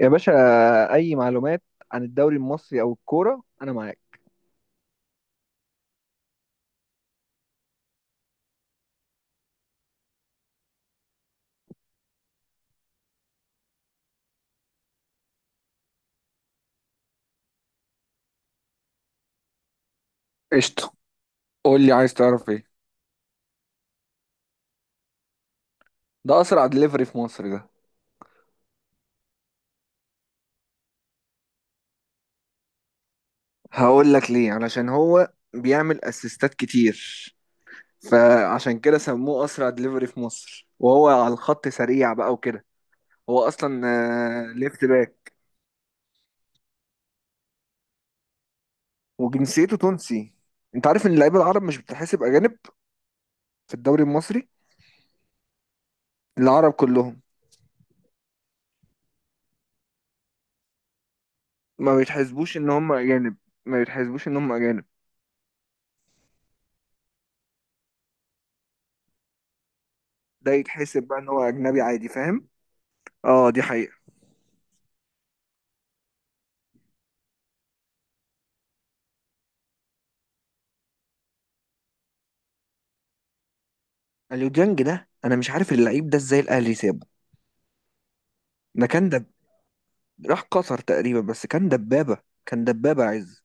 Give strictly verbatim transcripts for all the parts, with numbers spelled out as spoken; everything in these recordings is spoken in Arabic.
يا باشا، أي معلومات عن الدوري المصري أو الكورة أنا معاك. قشطة، قول لي عايز تعرف ايه؟ ده اسرع دليفري في مصر ده. هقول لك ليه، علشان هو بيعمل اسيستات كتير، فعشان كده سموه اسرع دليفري في مصر، وهو على الخط سريع بقى وكده. هو اصلا آه، ليفت باك. وجنسيته تونسي. انت عارف ان اللعيبه العرب مش بتحسب اجانب في الدوري المصري. العرب كلهم. ما بيتحسبوش ان هم اجانب. ما بيتحسبوش ان هم اجانب. ده يتحسب بقى ان هو اجنبي عادي، فاهم؟ اه، دي حقيقة. اليوديانج ده انا مش عارف اللعيب ده ازاي الاهلي سابه. ده كان دب. راح قطر تقريبا، بس كان دبابة. كان دبابة عز.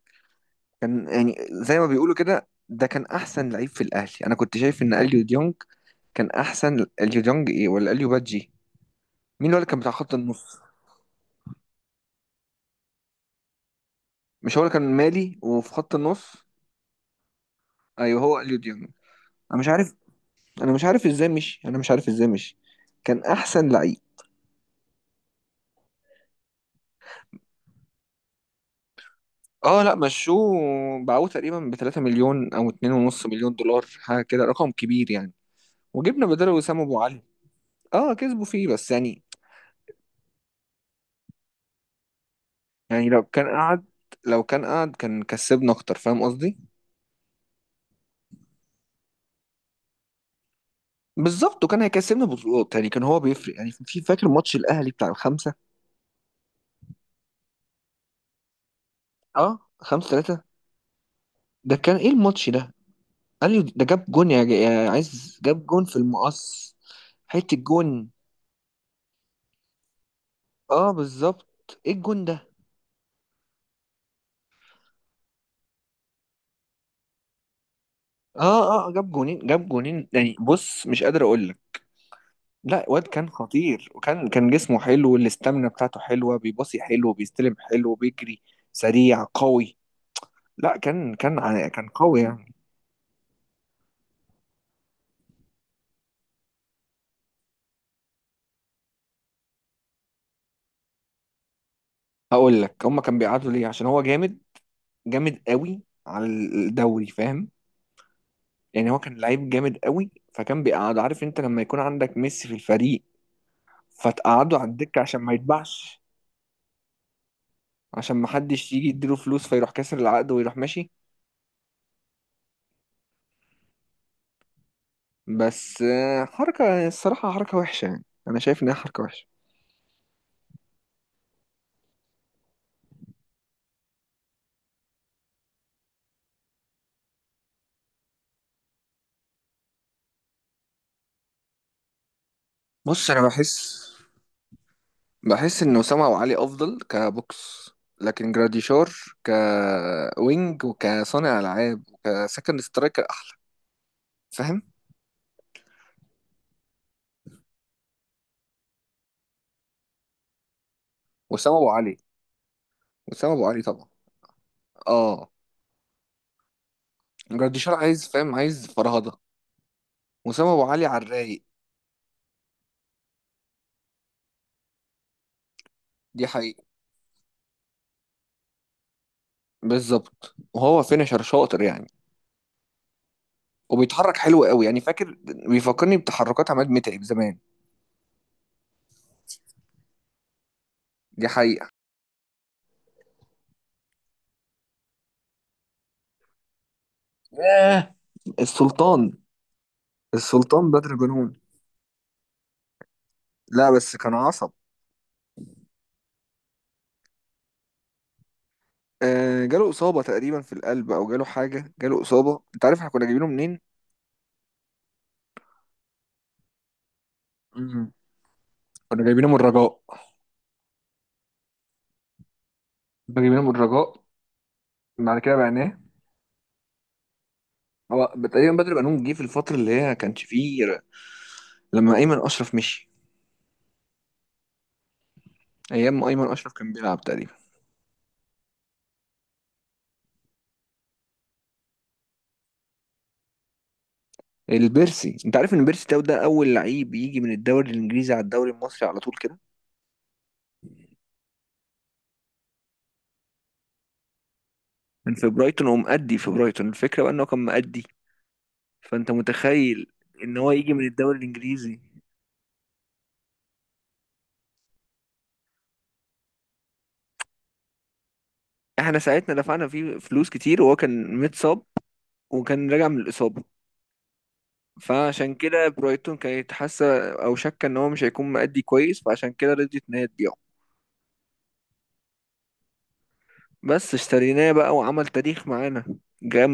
كان يعني زي ما بيقولوا كده، ده كان احسن لعيب في الاهلي، انا كنت شايف ان اليو ديونج كان احسن. اليو ديونج ايه ولا اليو بادجي؟ مين هو اللي كان بتاع خط النص؟ مش هو اللي كان مالي وفي خط النص؟ ايوه هو اليو ديونج. انا مش عارف. انا مش عارف ازاي مشي انا مش عارف ازاي مشي كان احسن لعيب. اه، لا مشوه. باعوه تقريبا ب ثلاثة مليون او اثنين ونص مليون دولار، حاجه كده، رقم كبير يعني. وجبنا بداله وسام ابو علي. اه كسبوا فيه بس يعني. يعني لو كان قعد لو كان قعد كان كسبنا اكتر، فاهم قصدي؟ بالظبط، وكان هيكسبنا بطولات يعني، كان هو بيفرق يعني. في فاكر ماتش الاهلي بتاع الخمسه؟ اه، خمسة ثلاثة. ده كان ايه الماتش ده؟ قال لي ده جاب جون، يا, جا- يا عايز جاب جون في المقص. حته جون. اه بالظبط، ايه الجون ده؟ اه اه آه، جاب جونين جاب جونين يعني. بص مش قادر اقول لك. لا، واد كان خطير، وكان كان جسمه حلو، الاستامينا بتاعته حلوه، بيباصي حلو، بيستلم حلو، بيجري. سريع قوي. لا، كان كان ع- كان قوي يعني. هقول لك هما كان بيقعدوا ليه؟ عشان هو جامد، جامد قوي على الدوري، فاهم؟ يعني هو كان لعيب جامد قوي، فكان بيقعد. عارف انت لما يكون عندك ميسي في الفريق فتقعده على الدكه عشان ما يتباعش. عشان ما حدش يجي يديله فلوس فيروح كاسر العقد ويروح ماشي. بس آه، حركة الصراحة حركة وحشة يعني، أنا شايف إنها حركة وحشة. بص، أنا بحس بحس إن أسامة أبو علي أفضل كبوكس. لكن جراديشار كوينج وكصانع ألعاب وكسكند سترايكر أحلى، فاهم؟ وأسامة أبو علي وأسامة أبو علي طبعا. آه. جراديشار عايز، فاهم؟ عايز فرهضة. وأسامة أبو علي على الرايق. دي حقيقة. بالظبط، وهو فينشر شاطر يعني. وبيتحرك حلو قوي يعني، فاكر بيفكرني بتحركات عماد متعب زمان. دي حقيقة. ياه، السلطان. السلطان ده دراجونون. لا بس كان عصب. آه، جاله إصابة تقريبا في القلب، أو جاله حاجة، جاله إصابة. أنت عارف إحنا كنا جايبينه منين؟ مم. كنا جايبينه من الرجاء كنا جايبينه من الرجاء بعد كده بعناه. هو تقريبا بدر بنون جه في الفترة اللي هي ما كانش فيه ر- لما أيمن أشرف مشي. أيام ما أيمن أشرف كان بيلعب تقريبا. البيرسي، أنت عارف إن بيرسي تاو ده أول لعيب يجي من الدوري الإنجليزي على الدوري المصري على طول كده. كان في برايتون، ومأدي في برايتون. الفكرة بقى إنه كان مأدي، فانت متخيل ان هو يجي من الدوري الانجليزي. احنا ساعتنا دفعنا فيه فلوس كتير، وهو كان متصاب، وكان راجع من الاصابه. فعشان كده برايتون كانت حاسه او شاكه ان هو مش هيكون مأدي كويس، فعشان كده رضيت ان هي تبيعه. بس اشتريناه بقى وعمل تاريخ معانا. جاب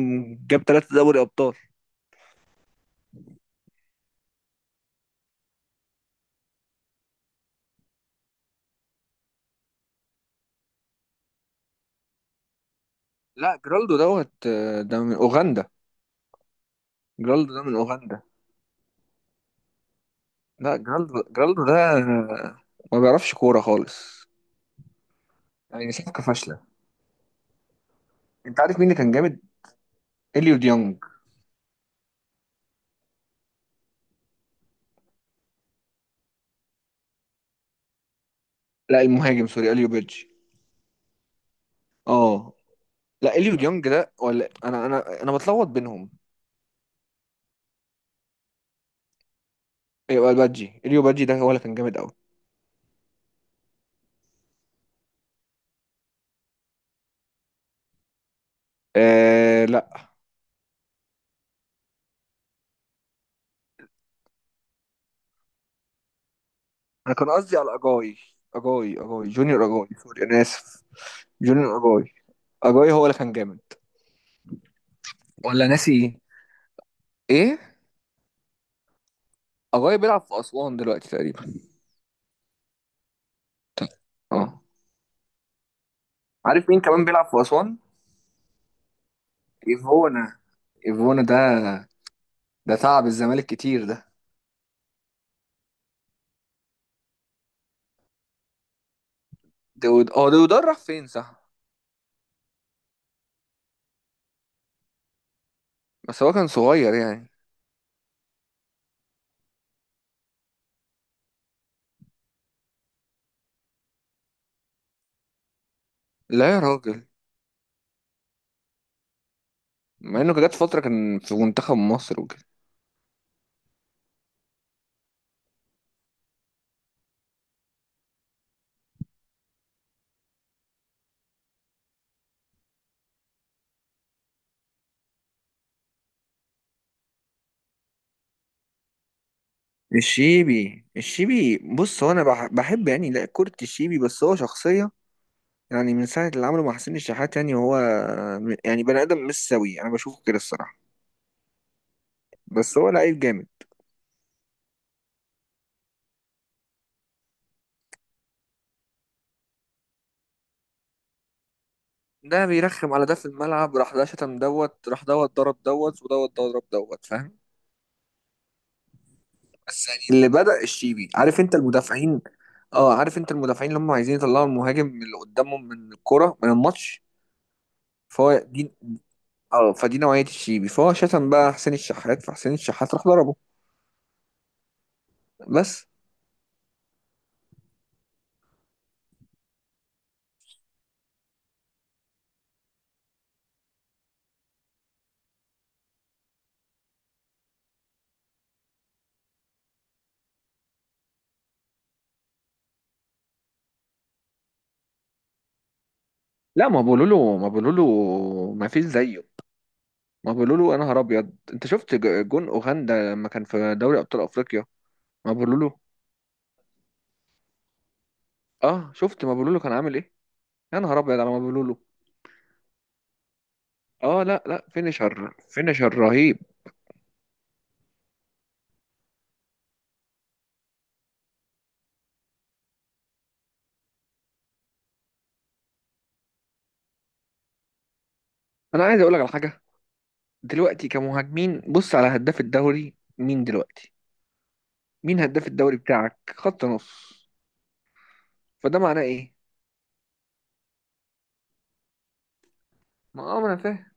جاب ثلاثة دوري ابطال. لا جرالدو دوت آه، ده من اوغندا. جرالدو ده من اوغندا. لا، جرالدو جرالدو ده آه، ما بيعرفش كوره خالص. يعني صفقه فاشله. انت عارف مين اللي كان جامد؟ اليو ديونج. لا، المهاجم، سوري، اليو بيدجي. اه لا اليو ديونج ده، ولا انا انا انا بتلخبط بينهم. ايوه البادجي، اليو بادجي ده هو اللي كان جامد قوي. آه لا، انا كان قصدي على اجاي. اجاي اجاي جونيور، اجاي سوري انا اسف. جونيور اجاي. اجاي هو اللي كان جامد. ولا ناسي ايه، ايه. اجاي بيلعب في اسوان دلوقتي تقريبا. اه، عارف مين كمان بيلعب في اسوان؟ ايفونا. ايفونا، ده ده تعب الزمالك كتير ده. ده هو، ده راح فين، صح؟ بس هو كان صغير يعني. لا يا راجل، مع انه جت فتره كان في منتخب مصر وكده. الشيبي الشيبي، بص هو انا بح- بحب يعني، لا كرة الشيبي، بس هو شخصية. يعني من ساعة اللي عمله مع حسين الشحات، يعني هو يعني بني آدم مش سوي، انا بشوفه كده الصراحة. بس هو لعيب جامد. ده بيرخم على ده في الملعب، راح ده شتم دوت، راح دوت ضرب دوت، ودوت ضرب دوت، فاهم؟ بس يعني اللي بدأ الشيبي. عارف انت المدافعين. اه، عارف انت المدافعين اللي هم عايزين يطلعوا المهاجم اللي قدامهم من الكرة من الماتش. فهو دي. اه، فدي نوعية الشيبي، فهو شتم بقى حسين الشحات، فحسين الشحات راح ضربه. بس. لا، ما بقولوا له ما بقولوا له ما فيش زيه. ما بقولوا له، انا نهار ابيض، انت شفت ج- جون اوغندا لما كان في دوري ابطال افريقيا؟ ما بقولوا له. اه شفت، ما بقولوا له كان عامل ايه. يا نهار ابيض على ما بقولوا له. اه لا لا، فينيشر فينيشر رهيب. انا عايز اقول لك على حاجة. دلوقتي كمهاجمين، بص على هداف الدوري مين دلوقتي. مين هداف الدوري بتاعك، خط نص؟ فده معناه ايه؟ ما اه ما انا فاهم.